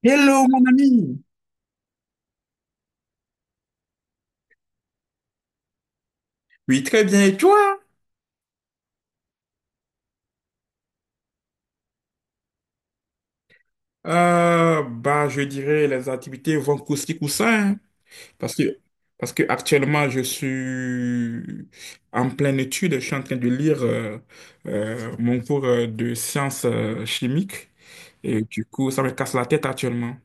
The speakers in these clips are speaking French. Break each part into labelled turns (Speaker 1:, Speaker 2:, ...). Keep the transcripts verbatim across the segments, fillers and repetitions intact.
Speaker 1: Hello, mon ami. Oui, très bien. Et toi? Euh, bah, je dirais les activités vont coussi coussin, hein, parce que parce que actuellement je suis en pleine étude. Je suis en train de lire euh, euh, mon cours euh, de sciences euh, chimiques et du coup ça me casse la tête actuellement.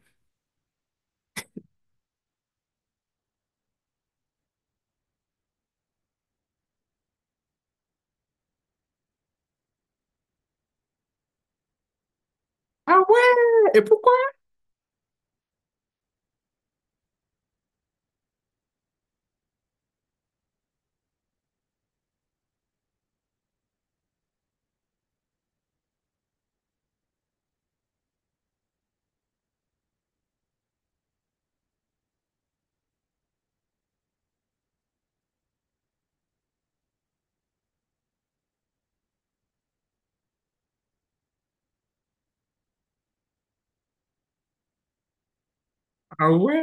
Speaker 1: Ah ouais, et pourquoi? Ah ouais.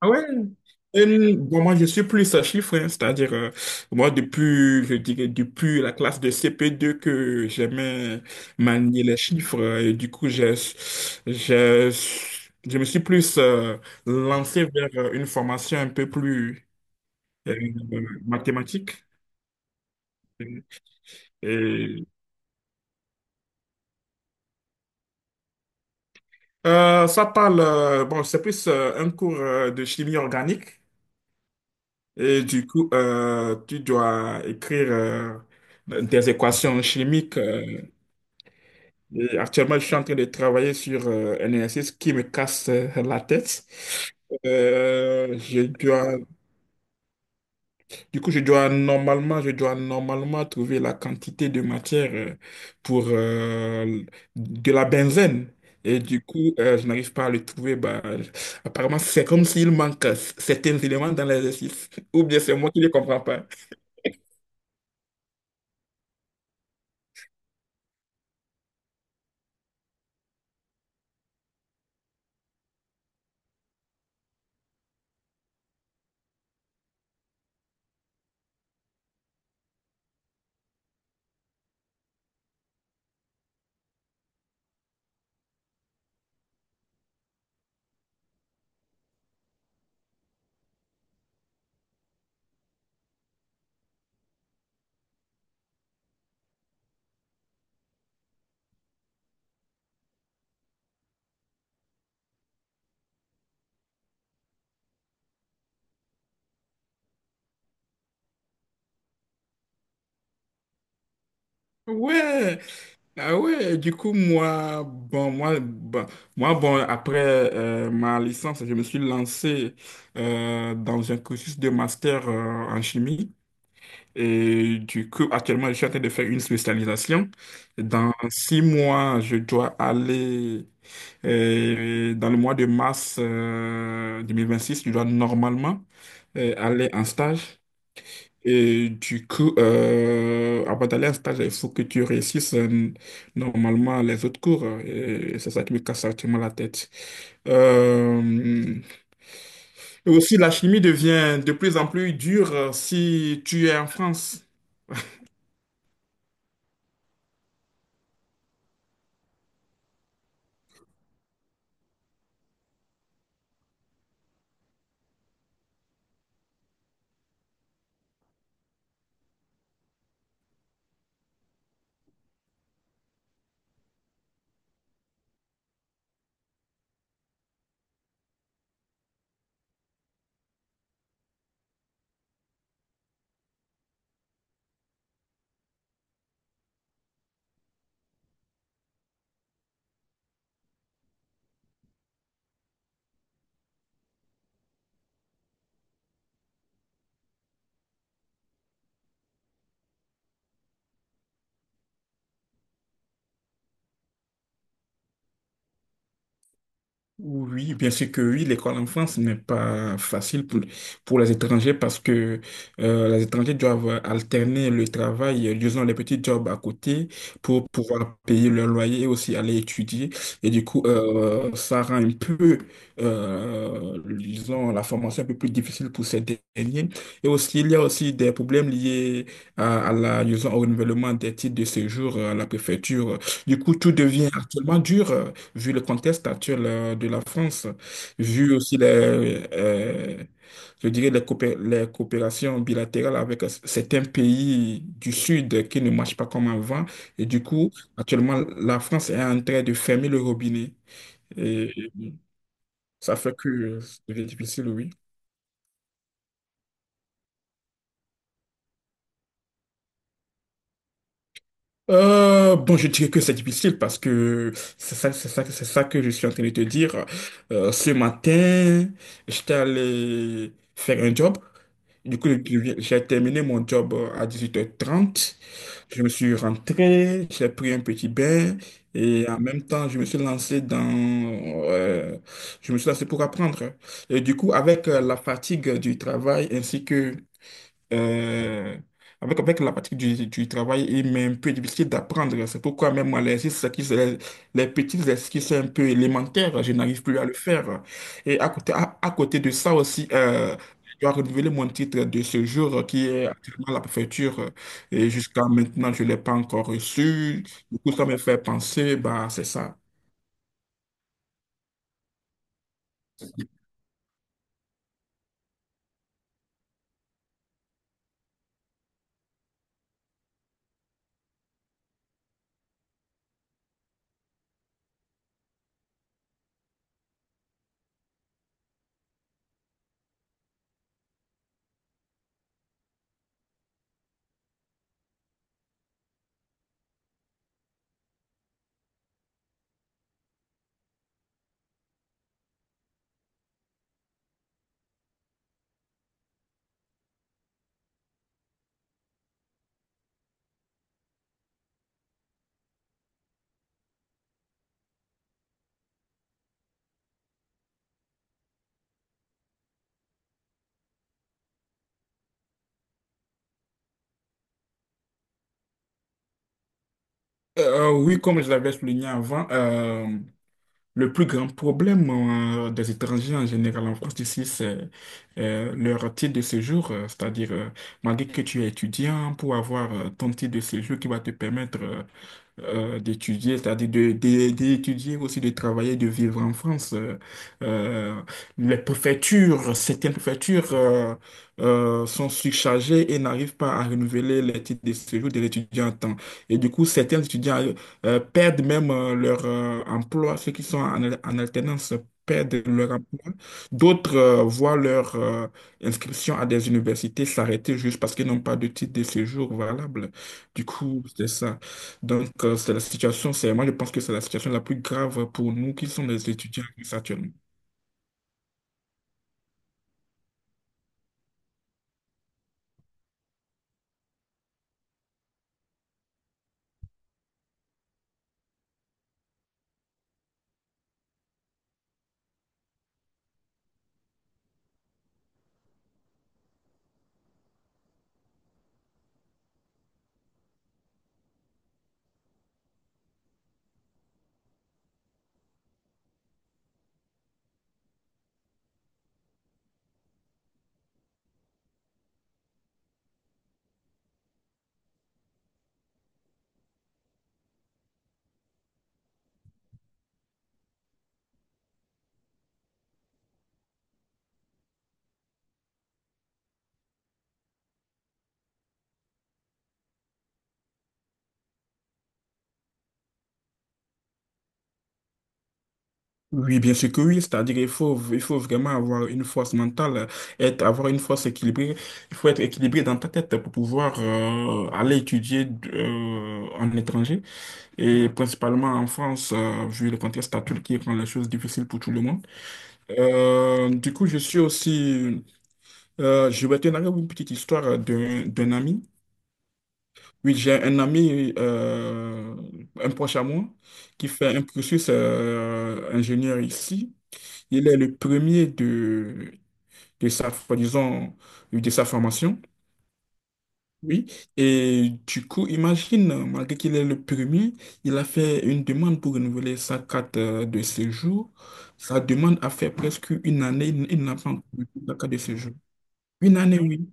Speaker 1: Ah ouais. Euh, bon, moi, je suis plus à chiffres, hein. C'est-à-dire, euh, moi, depuis, je dirais, depuis la classe de cé pé deux que j'aimais manier les chiffres, euh, et du coup, j'ai, j'ai- je me suis plus euh, lancé vers euh, une formation un peu plus euh, mathématique. Et, euh, ça parle, euh, bon, c'est plus euh, un cours euh, de chimie organique. Et du coup, euh, tu dois écrire euh, des équations chimiques. euh, et actuellement, je suis en train de travailler sur euh, un exercice qui me casse euh, la tête. Euh, je dois, du coup, je dois normalement, je dois normalement trouver la quantité de matière euh, pour euh, de la benzène. Et du coup, euh, je n'arrive pas à le trouver. Bah, apparemment, c'est comme s'il manque euh, certains éléments dans l'exercice. Ou bien c'est moi qui ne les comprends pas. Ouais. Ah ouais, du coup, moi, bon, moi, bon, moi, bon, après euh, ma licence, je me suis lancé euh, dans un cursus de master euh, en chimie. Et du coup, actuellement, je suis en train de faire une spécialisation. Dans six mois, je dois aller, euh, dans le mois de mars euh, deux mille vingt-six, je dois normalement euh, aller en stage. Et du coup, euh, avant d'aller en stage, il faut que tu réussisses euh, normalement les autres cours. euh, Et c'est ça qui me casse actuellement la tête. Euh, et aussi, la chimie devient de plus en plus dure euh, si tu es en France. Oui, bien sûr que oui, l'école en France n'est pas facile pour, pour les étrangers parce que euh, les étrangers doivent alterner le travail, euh, disons les petits jobs à côté pour pouvoir payer leur loyer et aussi aller étudier. Et du coup, euh, ça rend un peu, euh, disons, la formation un peu plus difficile pour ces derniers. Et aussi, il y a aussi des problèmes liés à, à la, disons, au renouvellement des titres de séjour euh, à la préfecture. Du coup, tout devient actuellement dur, euh, vu le contexte actuel euh, de la France, vu aussi les, euh, je dirais les, coopé- les coopérations bilatérales avec euh, certains pays du Sud qui ne marchent pas comme avant. Et du coup, actuellement, la France est en train de fermer le robinet. Et ça fait que c'est difficile, oui. Euh, bon, je dirais que c'est difficile parce que c'est ça, c'est ça, c'est ça que je suis en train de te dire. Euh, ce matin, j'étais allé faire un job. Du coup, je viens- j'ai terminé mon job à dix-huit heures trente. Je me suis rentré, j'ai pris un petit bain et en même temps, je me suis lancé dans, euh, je me suis lancé pour apprendre. Et du coup, avec euh, la fatigue du travail ainsi que euh, avec, avec la pratique du, du travail, il m'est un peu difficile d'apprendre. C'est pourquoi même moi, les exercices qui sont- les, les petits exercices qui sont un peu élémentaires, je n'arrive plus à le faire. Et à côté, à, à côté de ça aussi, euh, je dois renouveler mon titre de séjour qui est actuellement à la préfecture. Et jusqu'à maintenant, je ne l'ai pas encore reçu. Du coup, ça me fait penser, bah, c'est ça. Euh, oui, comme je l'avais souligné avant, euh, Le plus grand problème euh, des étrangers en général en France ici, c'est euh, leur titre de séjour, euh, c'est-à-dire euh, malgré que tu es étudiant, pour avoir euh, ton titre de séjour qui va te permettre euh, euh, d'étudier, c'est-à-dire de, de- d'étudier aussi, de travailler, de vivre en France. Euh, euh, les préfectures, certaines préfectures euh, euh, sont surchargées et n'arrivent pas à renouveler les titres de séjour de l'étudiant en temps. Et du coup, certains étudiants euh, perdent même euh, leur euh, emploi, ceux qui sont en, en alternance perdent leur emploi. D'autres euh, voient leur euh, inscription à des universités s'arrêter juste parce qu'ils n'ont pas de titre de séjour valable. Du coup, c'est ça. Donc, euh, c'est la situation, c'est, moi je pense que c'est la situation la plus grave pour nous qui sommes les étudiants actuellement. Oui, bien sûr que oui, c'est-à-dire il faut, il faut vraiment avoir une force mentale, être, avoir une force équilibrée. Il faut être équilibré dans ta tête pour pouvoir euh, aller étudier euh, en étranger et principalement en France, euh, vu le contexte actuel qui rend les choses difficiles pour tout le monde. Euh, du coup, je suis aussi, euh, je vais te narrer une petite histoire d'un d'un ami. Oui, j'ai un ami, euh, un proche à moi, qui fait un cursus euh, ingénieur ici. Il est le premier de, de sa, disons, de sa formation. Oui. Et du coup, imagine, malgré qu'il est le premier, il a fait une demande pour renouveler sa carte euh, de séjour. Sa demande a fait presque une année. Il il n'a pas encore eu sa carte de séjour. Une année, oui.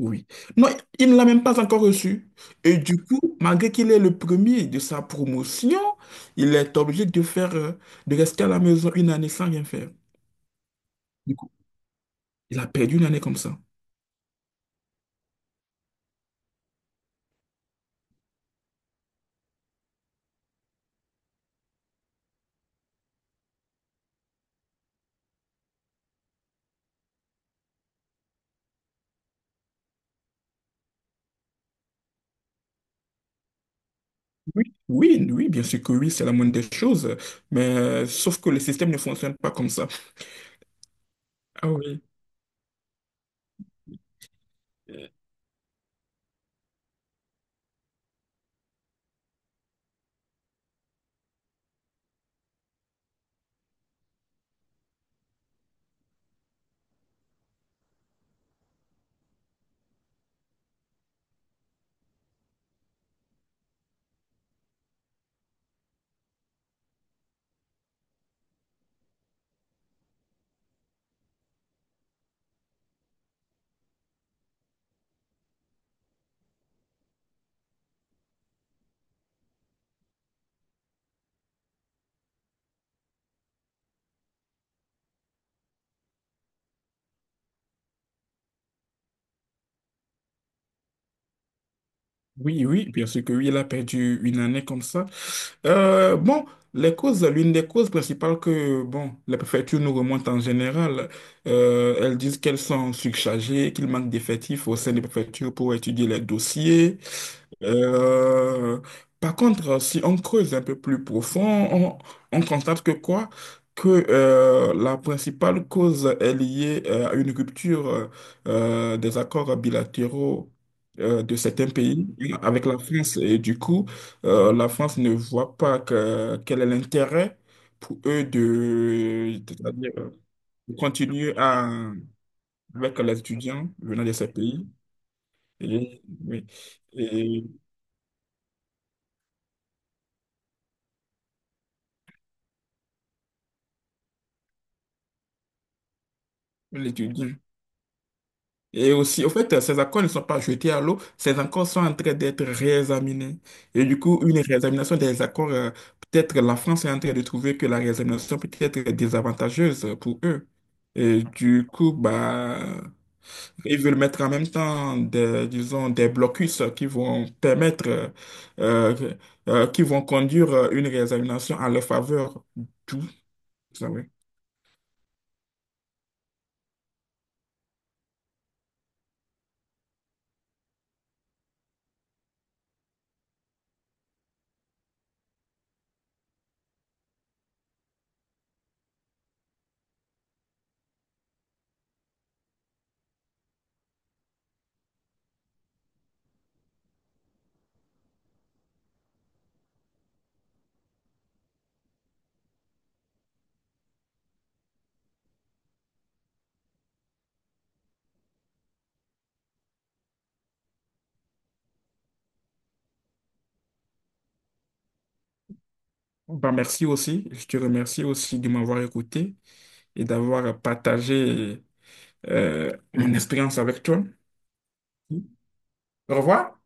Speaker 1: Oui. Non, il ne l'a même pas encore reçu. Et du coup, malgré qu'il est le premier de sa promotion, il est obligé de faire, euh, de rester à la maison une année sans rien faire. Du coup, il a perdu une année comme ça. Oui, oui, oui, bien sûr que oui, c'est la moindre des choses, mais euh, sauf que le système ne fonctionne pas comme ça. Ah oui. Oui, oui, bien sûr que oui, il a perdu une année comme ça. Euh, bon, les causes, l'une des causes principales que, bon, les préfectures nous remontent en général, euh, elles disent qu'elles sont surchargées, qu'il manque d'effectifs au sein des préfectures pour étudier les dossiers. Euh, Par contre, si on creuse un peu plus profond, on, on constate que quoi? Que euh, la principale cause est liée euh, à une rupture euh, des accords bilatéraux euh, de certains pays avec la France. Et du coup, euh, la France ne voit pas que, quel est l'intérêt pour eux de, c'est-à-dire, euh, de continuer à, avec les étudiants venant de ces pays. Et, oui, et l'étudiant. Et aussi, au fait, ces accords ne sont pas jetés à l'eau, ces accords sont en train d'être réexaminés. Et du coup, une réexamination des accords, euh, peut-être la France est en train de trouver que la réexamination peut être désavantageuse pour eux. Et du coup, bah, ils veulent mettre en même temps des, disons, des blocus qui vont permettre, euh, euh, euh, qui vont conduire euh, une réexamination en leur faveur. Tout, ça, oui. Bah, merci aussi. Je te remercie aussi de m'avoir écouté et d'avoir partagé euh, mon expérience avec toi. Au revoir.